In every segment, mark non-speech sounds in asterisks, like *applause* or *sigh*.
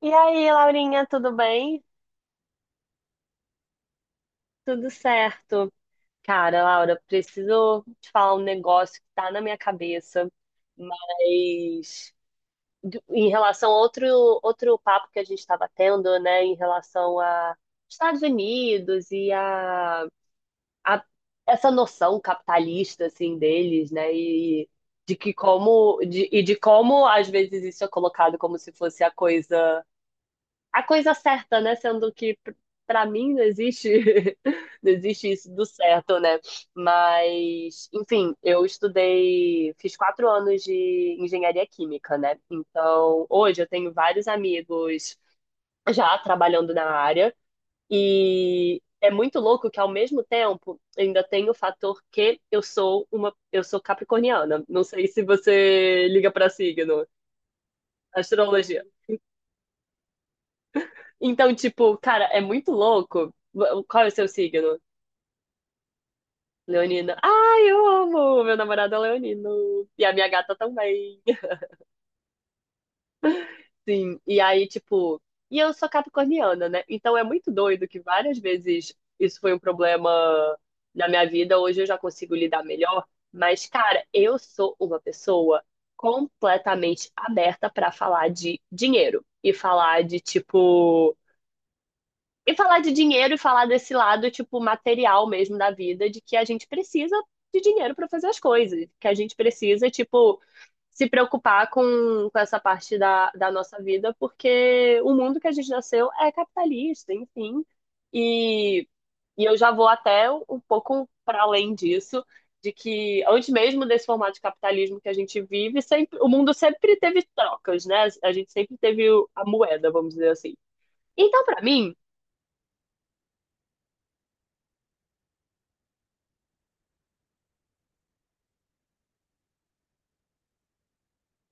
E aí, Laurinha, tudo bem? Tudo certo. Cara, Laura, preciso te falar um negócio que tá na minha cabeça, mas em relação a outro, outro papo que a gente estava tendo, né, em relação a Estados Unidos e a essa noção capitalista, assim, deles, né, e de que como, e de como às vezes isso é colocado como se fosse A coisa certa, né? Sendo que pra mim não existe, *laughs* não existe isso do certo, né? Mas, enfim, eu estudei, fiz 4 anos de engenharia química, né? Então, hoje eu tenho vários amigos já trabalhando na área e é muito louco que ao mesmo tempo ainda tem o fator que eu sou capricorniana. Não sei se você liga pra signo, astrologia. Então, tipo, cara, é muito louco. Qual é o seu signo? Leonino. Ai, eu amo! Meu namorado é leonino. E a minha gata também. *laughs* Sim. E aí, tipo. E eu sou capricorniana, né? Então é muito doido que várias vezes isso foi um problema na minha vida. Hoje eu já consigo lidar melhor. Mas, cara, eu sou uma pessoa completamente aberta pra falar de dinheiro e e falar de dinheiro e falar desse lado, tipo, material mesmo da vida, de que a gente precisa de dinheiro para fazer as coisas, que a gente precisa, tipo, se preocupar com essa parte da nossa vida, porque o mundo que a gente nasceu é capitalista, enfim. E, e eu já vou até um pouco para além disso, de que antes mesmo desse formato de capitalismo que a gente vive, sempre, o mundo sempre teve trocas, né? A gente sempre teve a moeda, vamos dizer assim. Então, para mim,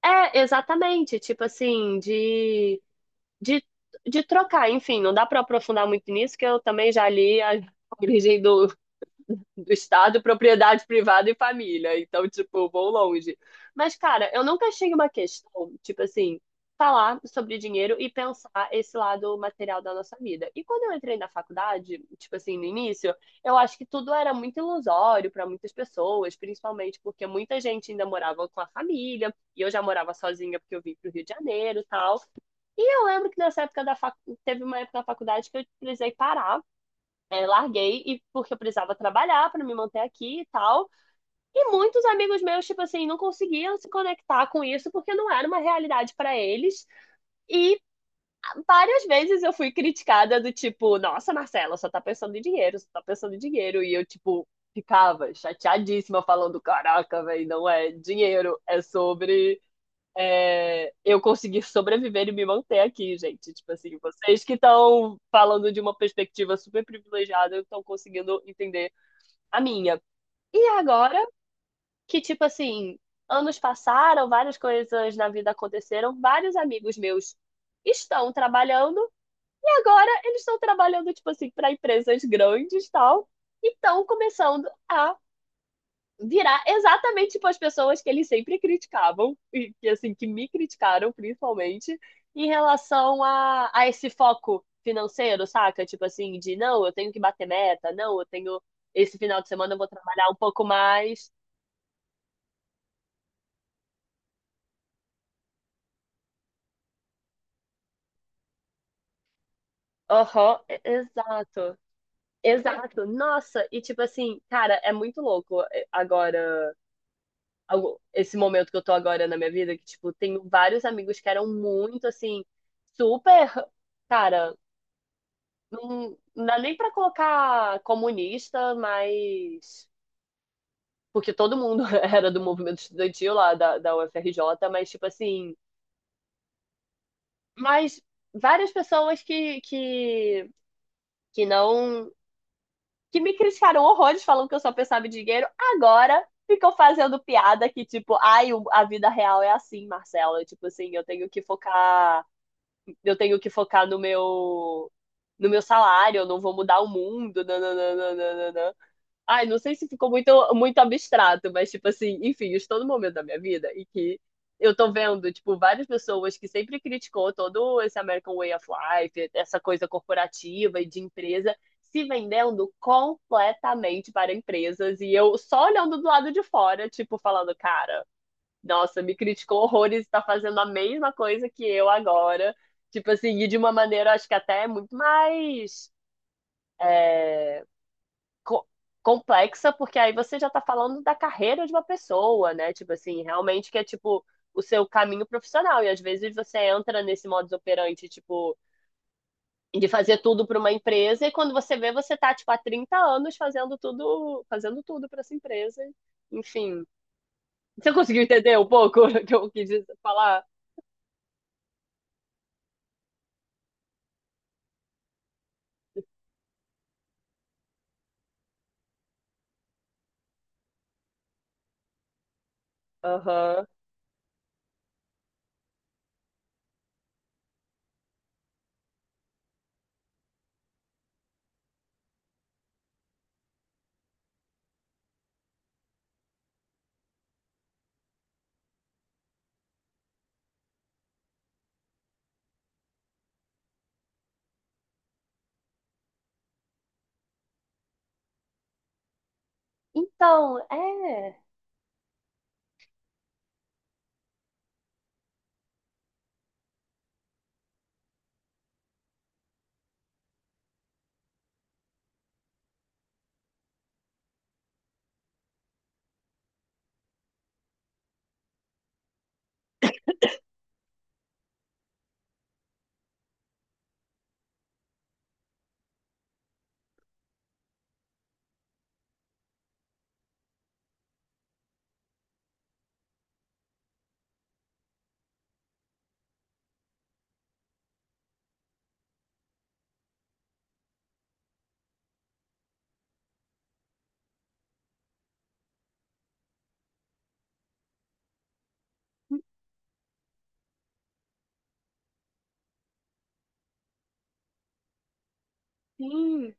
é, exatamente, tipo assim, de, de trocar, enfim, não dá para aprofundar muito nisso, que eu também já li a *laughs* origem do Estado, propriedade privada e família. Então, tipo, vou longe. Mas, cara, eu nunca achei uma questão, tipo assim, falar sobre dinheiro e pensar esse lado material da nossa vida. E quando eu entrei na faculdade, tipo assim, no início, eu acho que tudo era muito ilusório para muitas pessoas, principalmente porque muita gente ainda morava com a família, e eu já morava sozinha porque eu vim pro Rio de Janeiro e tal. E eu lembro que nessa época da fac... teve uma época na faculdade que eu precisei parar é, larguei e porque eu precisava trabalhar para me manter aqui e tal. E muitos amigos meus, tipo assim, não conseguiam se conectar com isso porque não era uma realidade para eles. E várias vezes eu fui criticada do tipo, nossa, Marcela, só tá pensando em dinheiro, só tá pensando em dinheiro. E eu, tipo, ficava chateadíssima falando, caraca, velho, não é dinheiro, é sobre é, eu conseguir sobreviver e me manter aqui, gente. Tipo assim, vocês que estão falando de uma perspectiva super privilegiada, estão conseguindo entender a minha. E agora que, tipo assim, anos passaram, várias coisas na vida aconteceram, vários amigos meus estão trabalhando e agora eles estão trabalhando, tipo assim, para empresas grandes e tal, e estão começando a virar exatamente tipo as pessoas que eles sempre criticavam, e que, assim, que me criticaram principalmente, em relação a esse foco financeiro, saca? Tipo assim, de não, eu tenho que bater meta, não, eu tenho. Esse final de semana eu vou trabalhar um pouco mais. Aham, exato. Exato. Nossa, e tipo assim, cara, é muito louco agora, esse momento que eu tô agora na minha vida, que tipo, tenho vários amigos que eram muito assim, super, cara, não, não dá nem pra colocar comunista, mas porque todo mundo *laughs* era do movimento estudantil lá da UFRJ, mas tipo assim, mas várias pessoas que não que me criticaram horrores falando que eu só pensava em dinheiro, agora ficam fazendo piada que, tipo, ai, a vida real é assim, Marcelo. Tipo assim, eu tenho que focar, eu tenho que focar no meu salário, eu não vou mudar o mundo. Nananana. Ai, não sei se ficou muito, muito abstrato, mas, tipo assim, enfim, eu estou no momento da minha vida em que eu tô vendo, tipo, várias pessoas que sempre criticou todo esse American Way of Life, essa coisa corporativa e de empresa, se vendendo completamente para empresas. E eu só olhando do lado de fora, tipo, falando, cara, nossa, me criticou horrores e tá fazendo a mesma coisa que eu agora. Tipo assim, e de uma maneira, acho que até é muito mais é, co- complexa, porque aí você já tá falando da carreira de uma pessoa, né? Tipo assim, realmente que é tipo o seu caminho profissional. E às vezes você entra nesse modus operandi, tipo, de fazer tudo para uma empresa, e quando você vê, você tá, tipo, há 30 anos fazendo tudo para essa empresa. Enfim. Você conseguiu entender um pouco *laughs* o que eu quis falar? Aham. Então, é. Sim.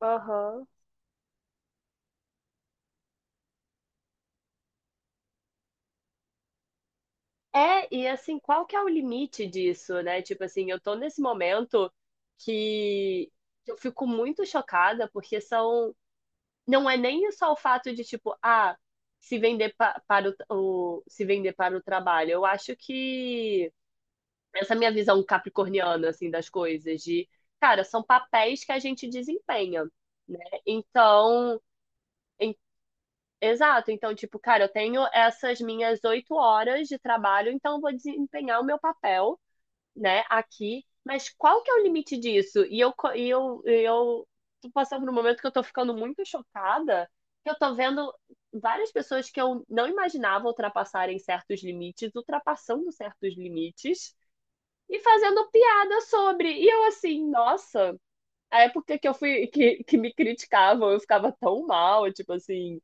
Aham. É, e assim, qual que é o limite disso, né? Tipo assim, eu tô nesse momento que eu fico muito chocada, porque são. Não é nem só o fato de, tipo, ah, se vender se vender para o trabalho. Eu acho que essa minha visão capricorniana, assim, das coisas, cara, são papéis que a gente desempenha, né? Então. em- Exato, então, tipo, cara, eu tenho essas minhas 8 horas de trabalho, então eu vou desempenhar o meu papel, né, aqui, mas qual que é o limite disso? E eu, co- e eu tô passando por um momento que eu tô ficando muito chocada, que eu tô vendo várias pessoas que eu não imaginava ultrapassarem certos limites, ultrapassando certos limites e fazendo piada sobre. E eu assim, nossa, a época que eu fui, que me criticavam, eu ficava tão mal, tipo assim.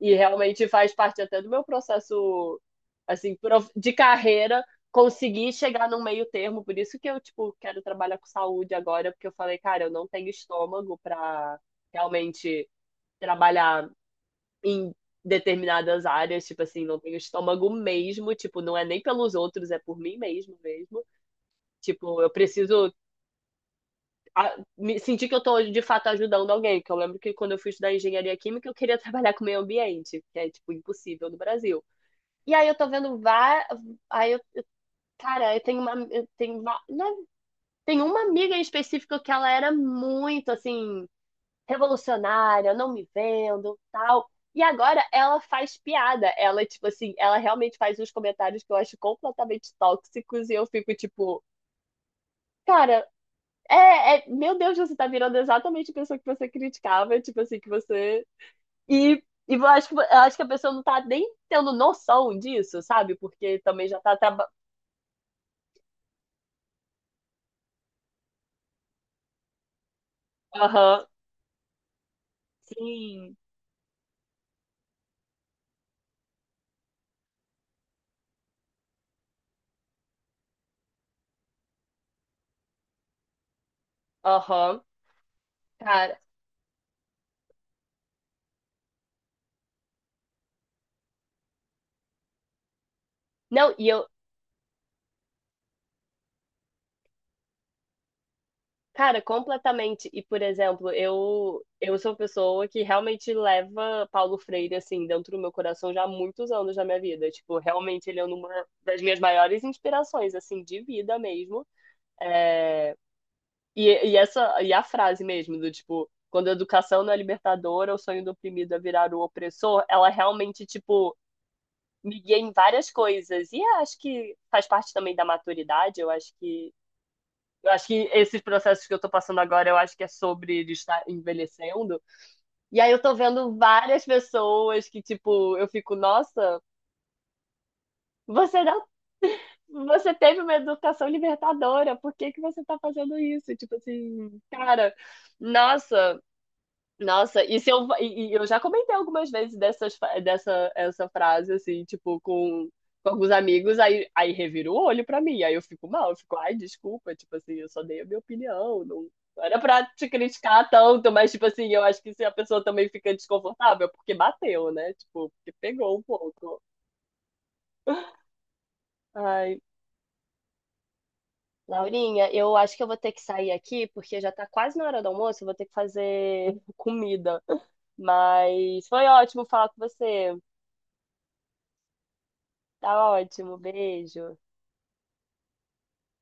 E realmente faz parte até do meu processo, assim, de carreira, conseguir chegar num meio termo. Por isso que eu, tipo, quero trabalhar com saúde agora, porque eu falei, cara, eu não tenho estômago para realmente trabalhar em determinadas áreas, tipo assim, não tenho estômago mesmo, tipo, não é nem pelos outros, é por mim mesmo mesmo. Tipo, eu preciso me sentir que eu tô de fato ajudando alguém, que eu lembro que quando eu fui estudar engenharia química, eu queria *laughs* trabalhar com meio ambiente, que é tipo impossível no Brasil. E aí eu tô vendo várias. Aí eu, cara, eu tenho uma. Eu tenho, não, tem uma amiga em específico que ela era muito assim, revolucionária, não me vendo, tal. E agora ela faz piada. Ela, tipo assim, ela realmente faz uns comentários que eu acho completamente tóxicos e eu fico, tipo, cara, meu Deus, você tá virando exatamente a pessoa que você criticava, tipo assim, que você. E, e eu acho que a pessoa não tá nem tendo noção disso, sabe? Porque também já tá trabalhando. Sim. Aham, cara. Não, e eu, cara, completamente. E, por exemplo, eu sou uma pessoa que realmente leva Paulo Freire, assim, dentro do meu coração já há muitos anos da minha vida. Tipo, realmente ele é uma das minhas maiores inspirações, assim, de vida mesmo. É. E, e a frase mesmo, do tipo, quando a educação não é libertadora, o sonho do oprimido é virar o opressor, ela realmente, tipo, me guia em várias coisas. E acho que faz parte também da maturidade, eu acho que esses processos que eu tô passando agora, eu acho que é sobre estar envelhecendo. E aí eu tô vendo várias pessoas que, tipo, eu fico, nossa, você não, você teve uma educação libertadora, por que que você tá fazendo isso? Tipo assim, cara, nossa, Nossa, e se eu, e eu já comentei algumas vezes dessa essa frase, assim, tipo, com alguns amigos, aí revira o olho pra mim, aí eu fico mal, eu fico, ai, desculpa, tipo assim, eu só dei a minha opinião, não era pra te criticar tanto, mas, tipo assim, eu acho que se a pessoa também fica desconfortável, é porque bateu, né? Tipo, porque pegou um pouco. Ai, Laurinha, eu acho que eu vou ter que sair aqui, porque já tá quase na hora do almoço, eu vou ter que fazer *laughs* comida. Mas foi ótimo falar com você. Tá ótimo, beijo.